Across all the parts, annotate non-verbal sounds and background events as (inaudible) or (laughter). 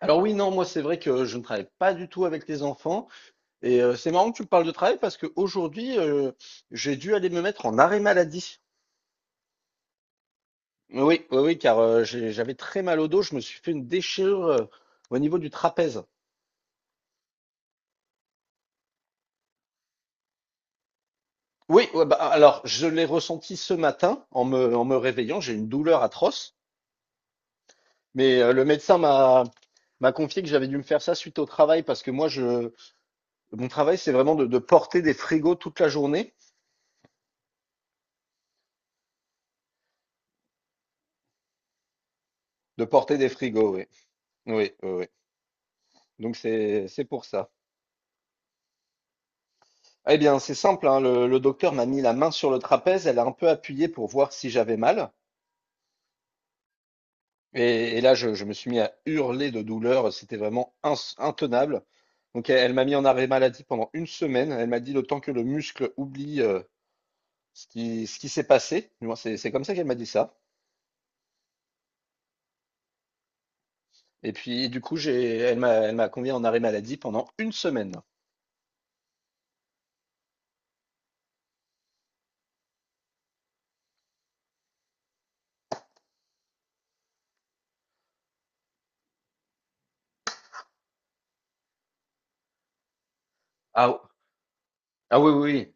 Alors oui, non, moi c'est vrai que je ne travaille pas du tout avec les enfants. Et c'est marrant que tu me parles de travail parce qu'aujourd'hui, j'ai dû aller me mettre en arrêt maladie. Oui, oui, oui, car j'avais très mal au dos, je me suis fait une déchirure au niveau du trapèze. Oui, ouais, bah, alors je l'ai ressenti ce matin en me réveillant, j'ai une douleur atroce, mais le médecin m'a confié que j'avais dû me faire ça suite au travail parce que moi je mon travail c'est vraiment de porter des frigos toute la journée, de porter des frigos, oui. Oui, oui, oui. Donc c'est pour ça. Eh bien, c'est simple, hein, le docteur m'a mis la main sur le trapèze, elle a un peu appuyé pour voir si j'avais mal. Et là, je me suis mis à hurler de douleur, c'était vraiment intenable. Donc elle m'a mis en arrêt maladie pendant une semaine. Elle m'a dit le temps que le muscle oublie ce qui s'est passé. Du moins, c'est comme ça qu'elle m'a dit ça. Et puis du coup, elle m'a convié en arrêt maladie pendant une semaine. Ah, ah oui, oui, oui.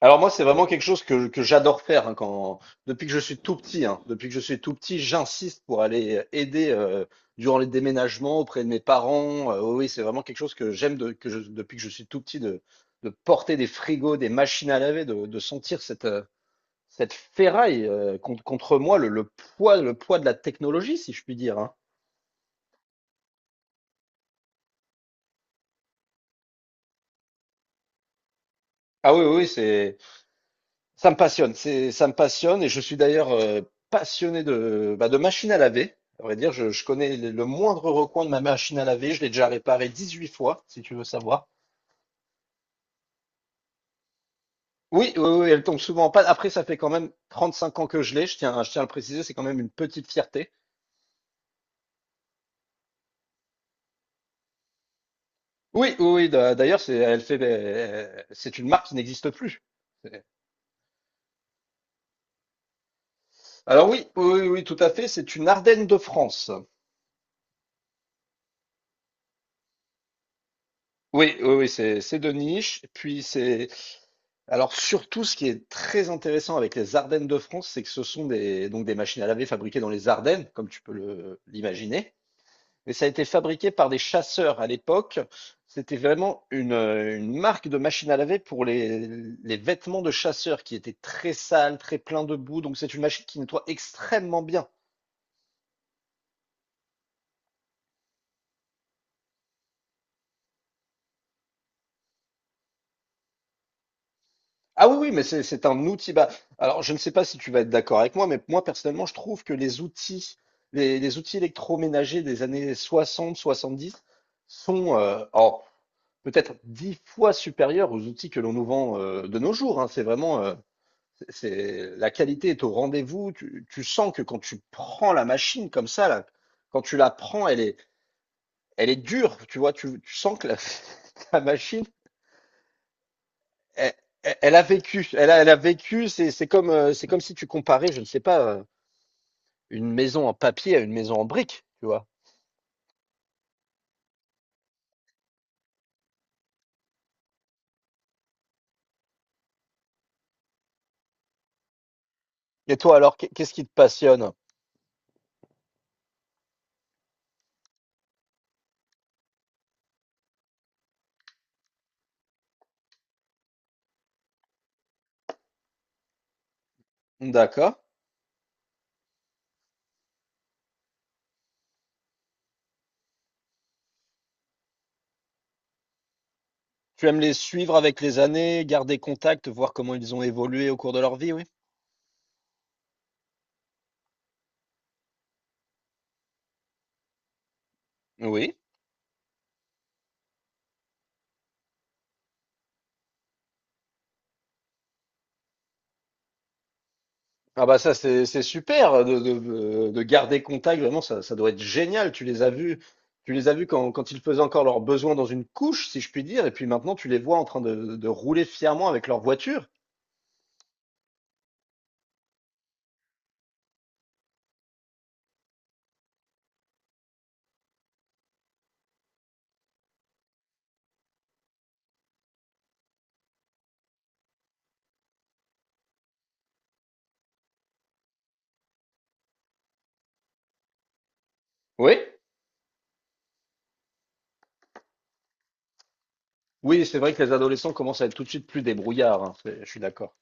Alors moi, c'est vraiment quelque chose que j'adore faire hein, depuis que je suis tout petit. Hein. Depuis que je suis tout petit, j'insiste pour aller aider durant les déménagements auprès de mes parents. Oui, oui, c'est vraiment quelque chose que depuis que je suis tout petit de porter des frigos, des machines à laver, de sentir cette ferraille contre moi, le poids, le poids de la technologie, si je puis dire. Hein. Ah oui, oui, oui, c'est Ça me passionne, ça me passionne et je suis d'ailleurs passionné de machine à laver. À vrai dire, je connais le moindre recoin de ma machine à laver, je l'ai déjà réparée 18 fois, si tu veux savoir. Oui, oui, oui, elle tombe souvent en panne. Après, ça fait quand même 35 ans que je l'ai, je tiens à le préciser, c'est quand même une petite fierté. Oui, oui, oui, d'ailleurs, c'est une marque qui n'existe plus. Alors oui, oui, oui, oui, tout à fait, c'est une Ardenne de France. Oui, oui, oui, c'est de niche. Puis c'est alors surtout ce qui est très intéressant avec les Ardennes de France, c'est que ce sont des donc des machines à laver fabriquées dans les Ardennes, comme tu peux le l'imaginer. Mais ça a été fabriqué par des chasseurs à l'époque. C'était vraiment une marque de machine à laver pour les vêtements de chasseurs qui étaient très sales, très pleins de boue. Donc c'est une machine qui nettoie extrêmement bien. Ah oui, oui, mais c'est un outil. Bah, alors, je ne sais pas si tu vas être d'accord avec moi, mais moi, personnellement, je trouve que les outils électroménagers des années 60-70 sont peut-être 10 fois supérieurs aux outils que l'on nous vend de nos jours. Hein. C'est vraiment, la qualité est au rendez-vous. Tu sens que quand tu prends la machine comme ça, là, quand tu la prends, elle est dure. Tu vois, tu sens que (laughs) la machine, elle, elle a vécu, elle a vécu, c'est comme si tu comparais, je ne sais pas, une maison en papier à une maison en brique, tu vois. Et toi, alors, qu'est-ce qui te passionne? D'accord. Tu aimes les suivre avec les années, garder contact, voir comment ils ont évolué au cours de leur vie, oui? Oui. Ah bah ça, c'est super de garder contact, vraiment, ça doit être génial. Tu les as vus quand, quand ils faisaient encore leurs besoins dans une couche, si je puis dire, et puis maintenant, tu les vois en train de rouler fièrement avec leur voiture. Oui. Oui, c'est vrai que les adolescents commencent à être tout de suite plus débrouillards, hein, je suis d'accord.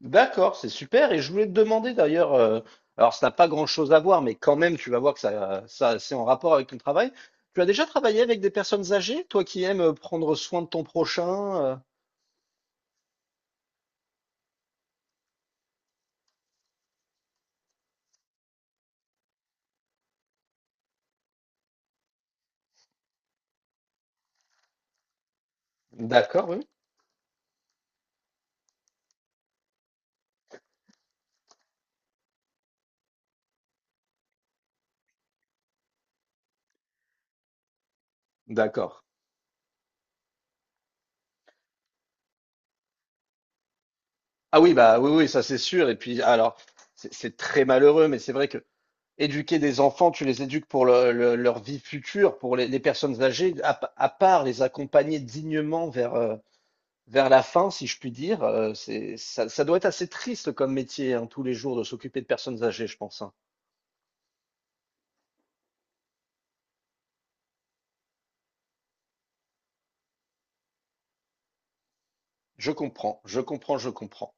D'accord, c'est super. Et je voulais te demander d'ailleurs, alors ça n'a pas grand-chose à voir, mais quand même, tu vas voir que ça, c'est en rapport avec ton travail. Tu as déjà travaillé avec des personnes âgées, toi qui aimes prendre soin de ton prochain? D'accord, oui. D'accord. Ah oui, bah oui, oui, ça c'est sûr. Et puis, alors, c'est très malheureux, mais c'est vrai que éduquer des enfants, tu les éduques pour leur vie future, pour les personnes âgées, à part les accompagner dignement vers la fin, si je puis dire, ça doit être assez triste comme métier, hein, tous les jours, de s'occuper de personnes âgées, je pense. Hein. Je comprends, je comprends, je comprends.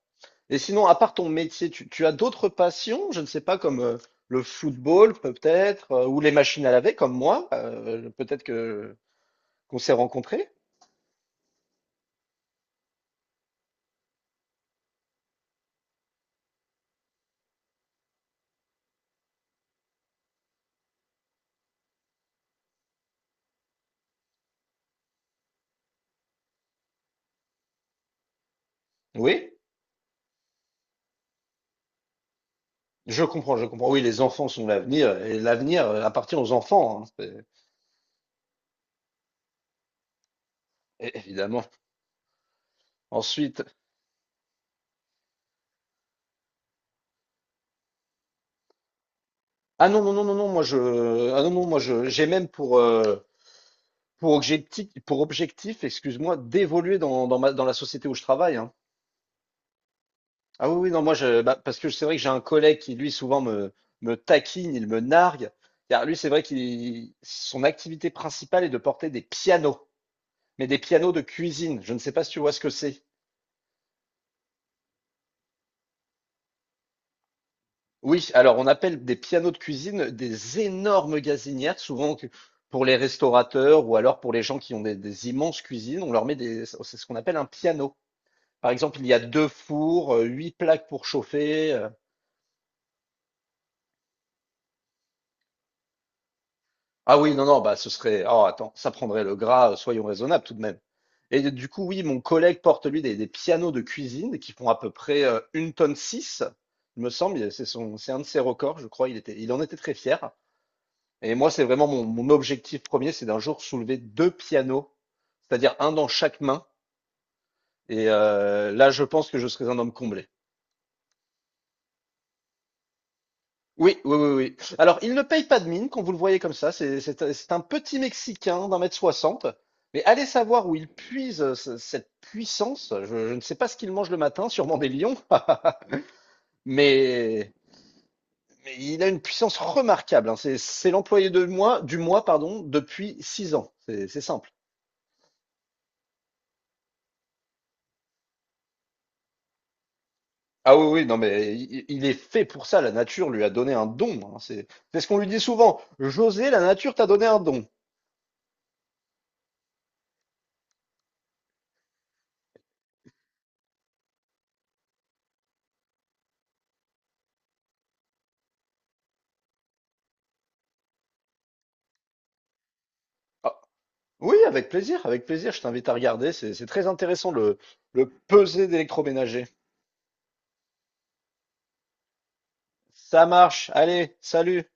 Et sinon, à part ton métier, tu as d'autres passions, je ne sais pas, comme le football peut-être, ou les machines à laver, comme moi, peut-être que qu'on s'est rencontrés. Oui, je comprends, je comprends. Oui, les enfants sont l'avenir, et l'avenir appartient aux enfants, hein, évidemment. Ensuite, ah non, non, non, non, non, moi je, ah non, non, moi je, j'ai même pour objectif, pour objectif, excuse-moi, d'évoluer dans ma, dans la société où je travaille, hein. Ah oui, oui, non, moi je, bah, parce que c'est vrai que j'ai un collègue qui lui souvent me taquine, il me nargue. Car lui, c'est vrai qu'il, son activité principale est de porter des pianos, mais des pianos de cuisine. Je ne sais pas si tu vois ce que c'est. Oui, alors on appelle des pianos de cuisine des énormes gazinières, souvent pour les restaurateurs ou alors pour les gens qui ont des immenses cuisines, on leur met c'est ce qu'on appelle un piano. Par exemple, il y a deux fours, huit plaques pour chauffer. Ah oui, non, non, bah ce serait, oh attends, ça prendrait le gras, soyons raisonnables tout de même. Et du coup, oui, mon collègue porte lui des pianos de cuisine qui font à peu près 1,6 tonne, il me semble, c'est un de ses records, je crois, il en était très fier. Et moi, c'est vraiment mon objectif premier, c'est d'un jour soulever deux pianos, c'est-à-dire un dans chaque main. Et là, je pense que je serais un homme comblé. Oui, oui, oui, oui. Alors, il ne paye pas de mine quand vous le voyez comme ça. C'est un petit Mexicain d'1m60. Mais allez savoir où il puise cette puissance. Je ne sais pas ce qu'il mange le matin, sûrement des lions. (laughs) Mais, mais il a une puissance remarquable. Hein. C'est l'employé de mois, du mois, pardon, depuis 6 ans. C'est simple. Ah oui, oui, non, mais il est fait pour ça. La nature lui a donné un don. Hein. C'est ce qu'on lui dit souvent. José, la nature t'a donné un don. Ah, oui, avec plaisir, avec plaisir. Je t'invite à regarder. C'est très intéressant le pesé d'électroménager. Ça marche. Allez, salut.